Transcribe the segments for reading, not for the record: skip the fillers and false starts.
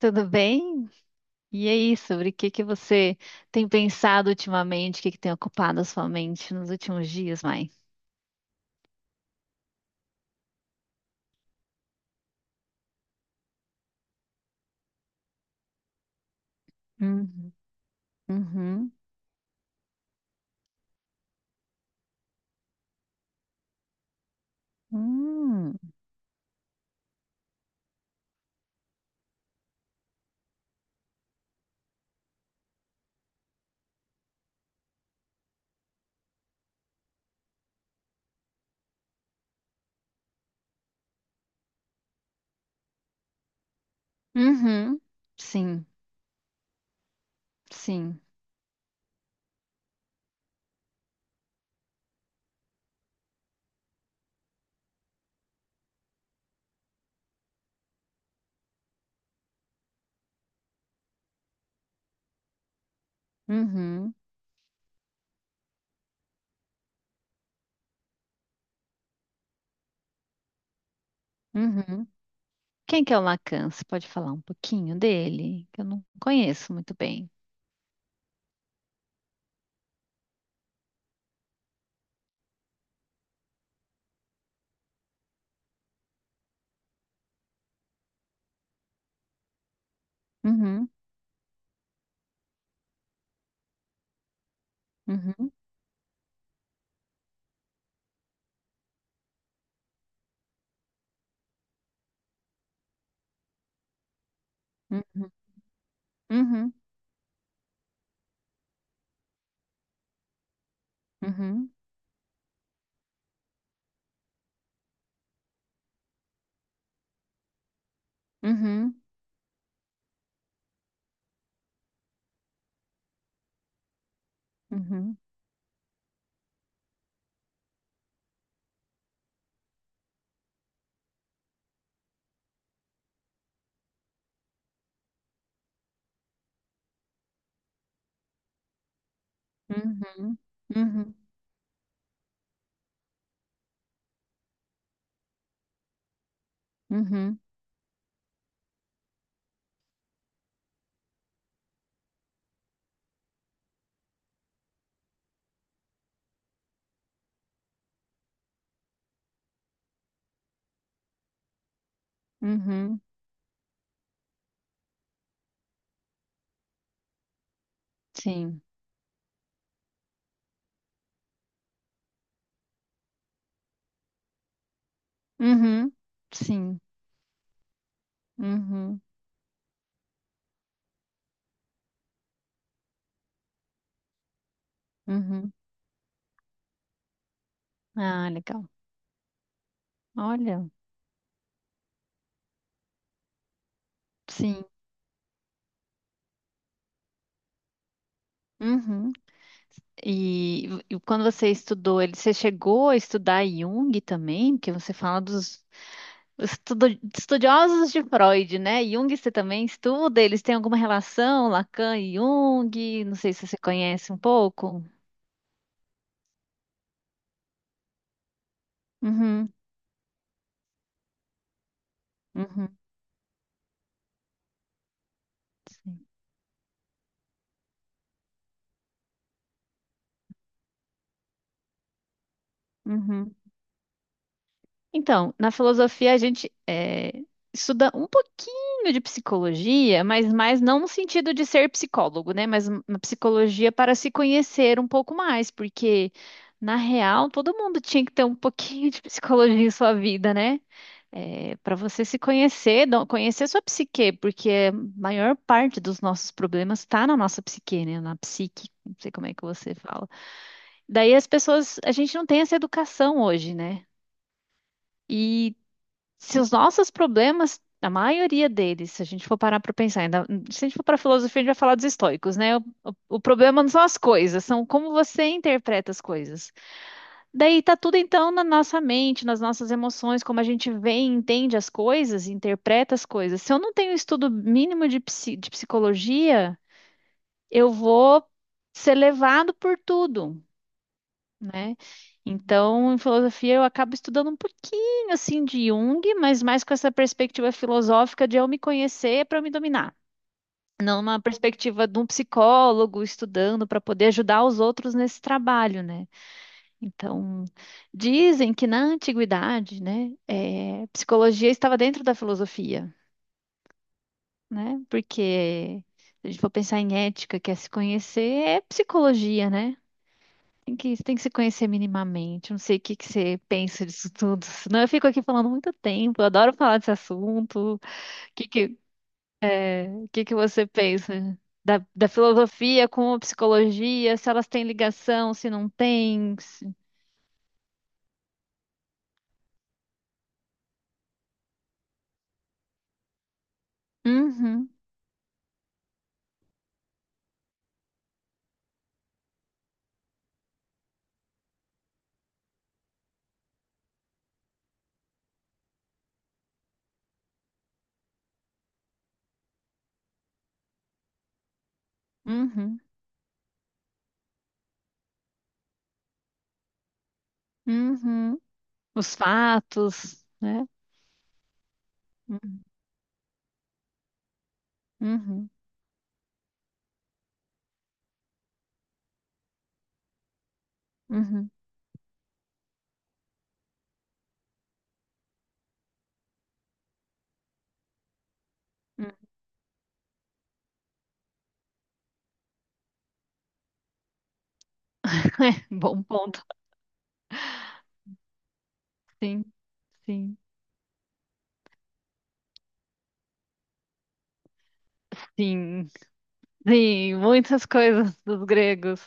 Tudo bem? E aí, sobre o que que você tem pensado ultimamente? O que que tem ocupado a sua mente nos últimos dias, Mai? Uhum. Uhum. Hum. Uhum. Sim, sim. Uhum. Uhum. Quem que é o Lacan? Você pode falar um pouquinho dele? Que eu não conheço muito bem. Uhum. Uhum. Uhum. Uhum. Uhum. Uhum. Uhum. Uhum. Uhum. Uhum. Uhum. Sim. Uhum. Sim. Uhum, uhum. Ah, legal. Olha, sim. Uhum. E quando você estudou ele, você chegou a estudar Jung também? Porque você fala dos estudo- estudiosos de Freud, né? Jung você também estuda? Eles têm alguma relação, Lacan e Jung? Não sei se você conhece um pouco. Uhum, uhum. Sim. Uhum. Então, na filosofia estuda um pouquinho de psicologia, mas mais não no sentido de ser psicólogo, né? Mas uma psicologia para se conhecer um pouco mais, porque na real todo mundo tinha que ter um pouquinho de psicologia em sua vida, né? Para você se conhecer, conhecer sua psique, porque a maior parte dos nossos problemas está na nossa psique, né? Na psique, não sei como é que você fala. Daí as pessoas, a gente não tem essa educação hoje, né? E se os nossos problemas, a maioria deles, se a gente for parar para pensar, se a gente for para filosofia, a gente vai falar dos estoicos, né? O problema não são as coisas, são como você interpreta as coisas. Daí tá tudo então na nossa mente, nas nossas emoções, como a gente vê e entende as coisas, interpreta as coisas. Se eu não tenho estudo mínimo de, de psicologia, eu vou ser levado por tudo, né? Então, em filosofia, eu acabo estudando um pouquinho assim de Jung, mas mais com essa perspectiva filosófica de eu me conhecer para eu me dominar. Não uma perspectiva de um psicólogo estudando para poder ajudar os outros nesse trabalho, né? Então, dizem que na antiguidade, né, psicologia estava dentro da filosofia, né? Porque se a gente for pensar em ética, que é se conhecer, é psicologia, né? Tem que se conhecer minimamente. Não sei o que que você pensa disso tudo. Senão eu fico aqui falando muito tempo. Eu adoro falar desse assunto. Que que, o que que você pensa da filosofia com a psicologia? Se elas têm ligação, se não têm. Uhum, uhum, uhum. Os fatos, né? Uhum, uhum, uhum. Bom ponto. Sim, sim, sim, sim. Muitas coisas dos gregos.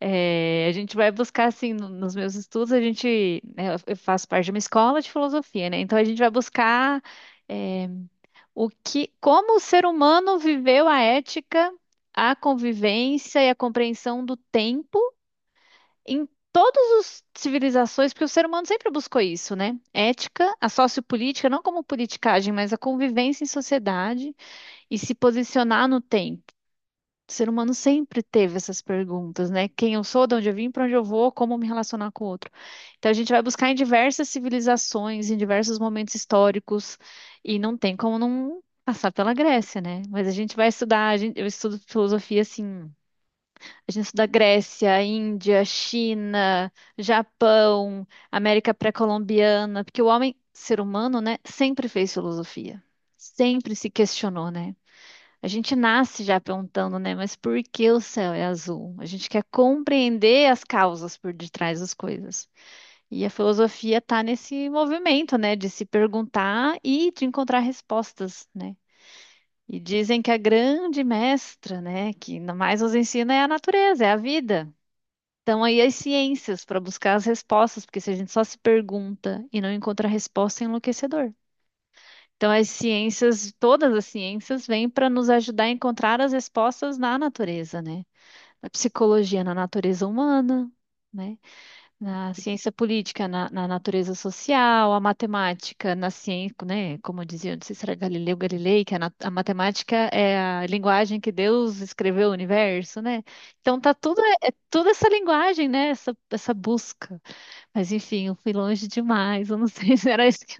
É, a gente vai buscar, assim, nos meus estudos, a gente, né, eu faço parte de uma escola de filosofia, né? Então a gente vai buscar, é, o que, como o ser humano viveu a ética, a convivência e a compreensão do tempo em todas as civilizações, porque o ser humano sempre buscou isso, né? Ética, a sociopolítica, não como politicagem, mas a convivência em sociedade e se posicionar no tempo. O ser humano sempre teve essas perguntas, né? Quem eu sou, de onde eu vim, para onde eu vou, como me relacionar com o outro. Então a gente vai buscar em diversas civilizações, em diversos momentos históricos, e não tem como não passar pela Grécia, né? Mas a gente vai estudar, eu estudo filosofia assim, a gente estuda Grécia, Índia, China, Japão, América pré-colombiana, porque o homem, ser humano, né, sempre fez filosofia, sempre se questionou, né? A gente nasce já perguntando, né? Mas por que o céu é azul? A gente quer compreender as causas por detrás das coisas. E a filosofia está nesse movimento, né? De se perguntar e de encontrar respostas, né? E dizem que a grande mestra, né? Que mais nos ensina é a natureza, é a vida. Então aí as ciências para buscar as respostas, porque se a gente só se pergunta e não encontra resposta, é enlouquecedor. Então, as ciências, todas as ciências, vêm para nos ajudar a encontrar as respostas na natureza, né? Na psicologia, na natureza humana, né? Na ciência política, na natureza social, a matemática, na ciência, né? Como dizia, não sei se era Galileu Galilei, que a, a matemática é a linguagem que Deus escreveu o universo, né? Então, tá tudo, é, é toda essa linguagem, né? Essa busca. Mas, enfim, eu fui longe demais, eu não sei se era isso que...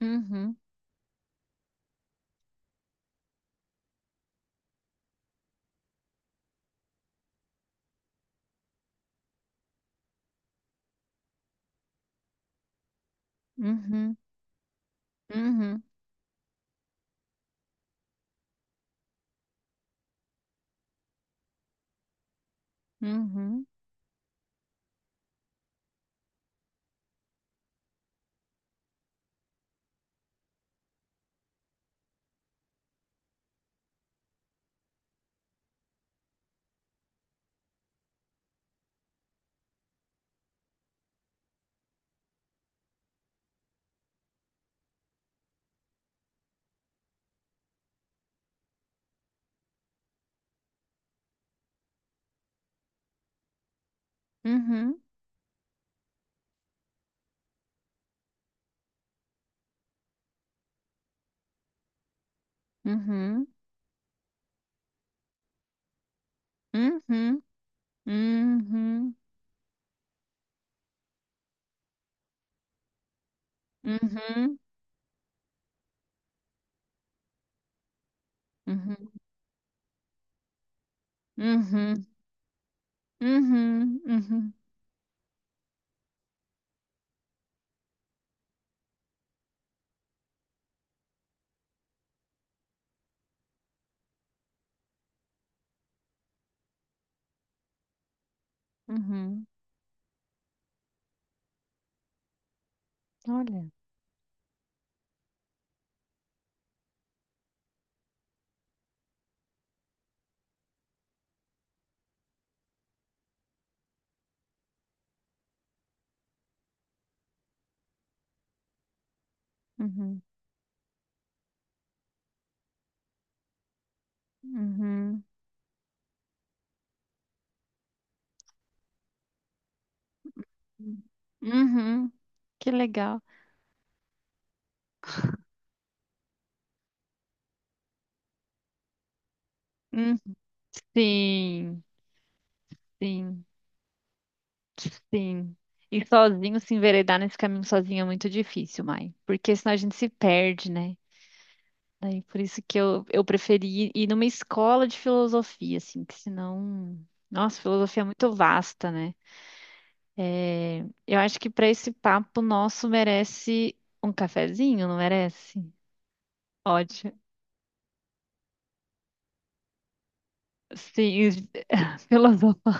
Uhum, uhum, uhum. Uhum, uhum, uhum, uhum, uhum, uhum, uhum, uhum, uhum, uhum, uhum. Olha, uhum, uhum, uhum. Que legal. Uhum. Sim, sim, sim. E sozinho se enveredar nesse caminho sozinho é muito difícil, mãe, porque senão a gente se perde, né? Daí por isso que eu preferi ir numa escola de filosofia, assim, que senão. Nossa, filosofia é muito vasta, né? Eu acho que para esse papo nosso merece um cafezinho, não merece? Ótimo. Sim, filosofia.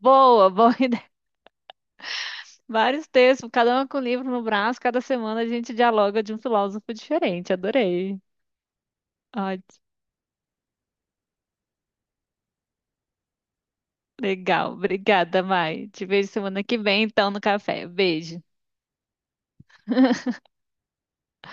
Boa, boa ideia. Vários textos, cada um com um livro no braço, cada semana a gente dialoga de um filósofo diferente. Adorei. Ótimo. Legal. Obrigada, Mai. Te vejo semana que vem, então, no café. Beijo.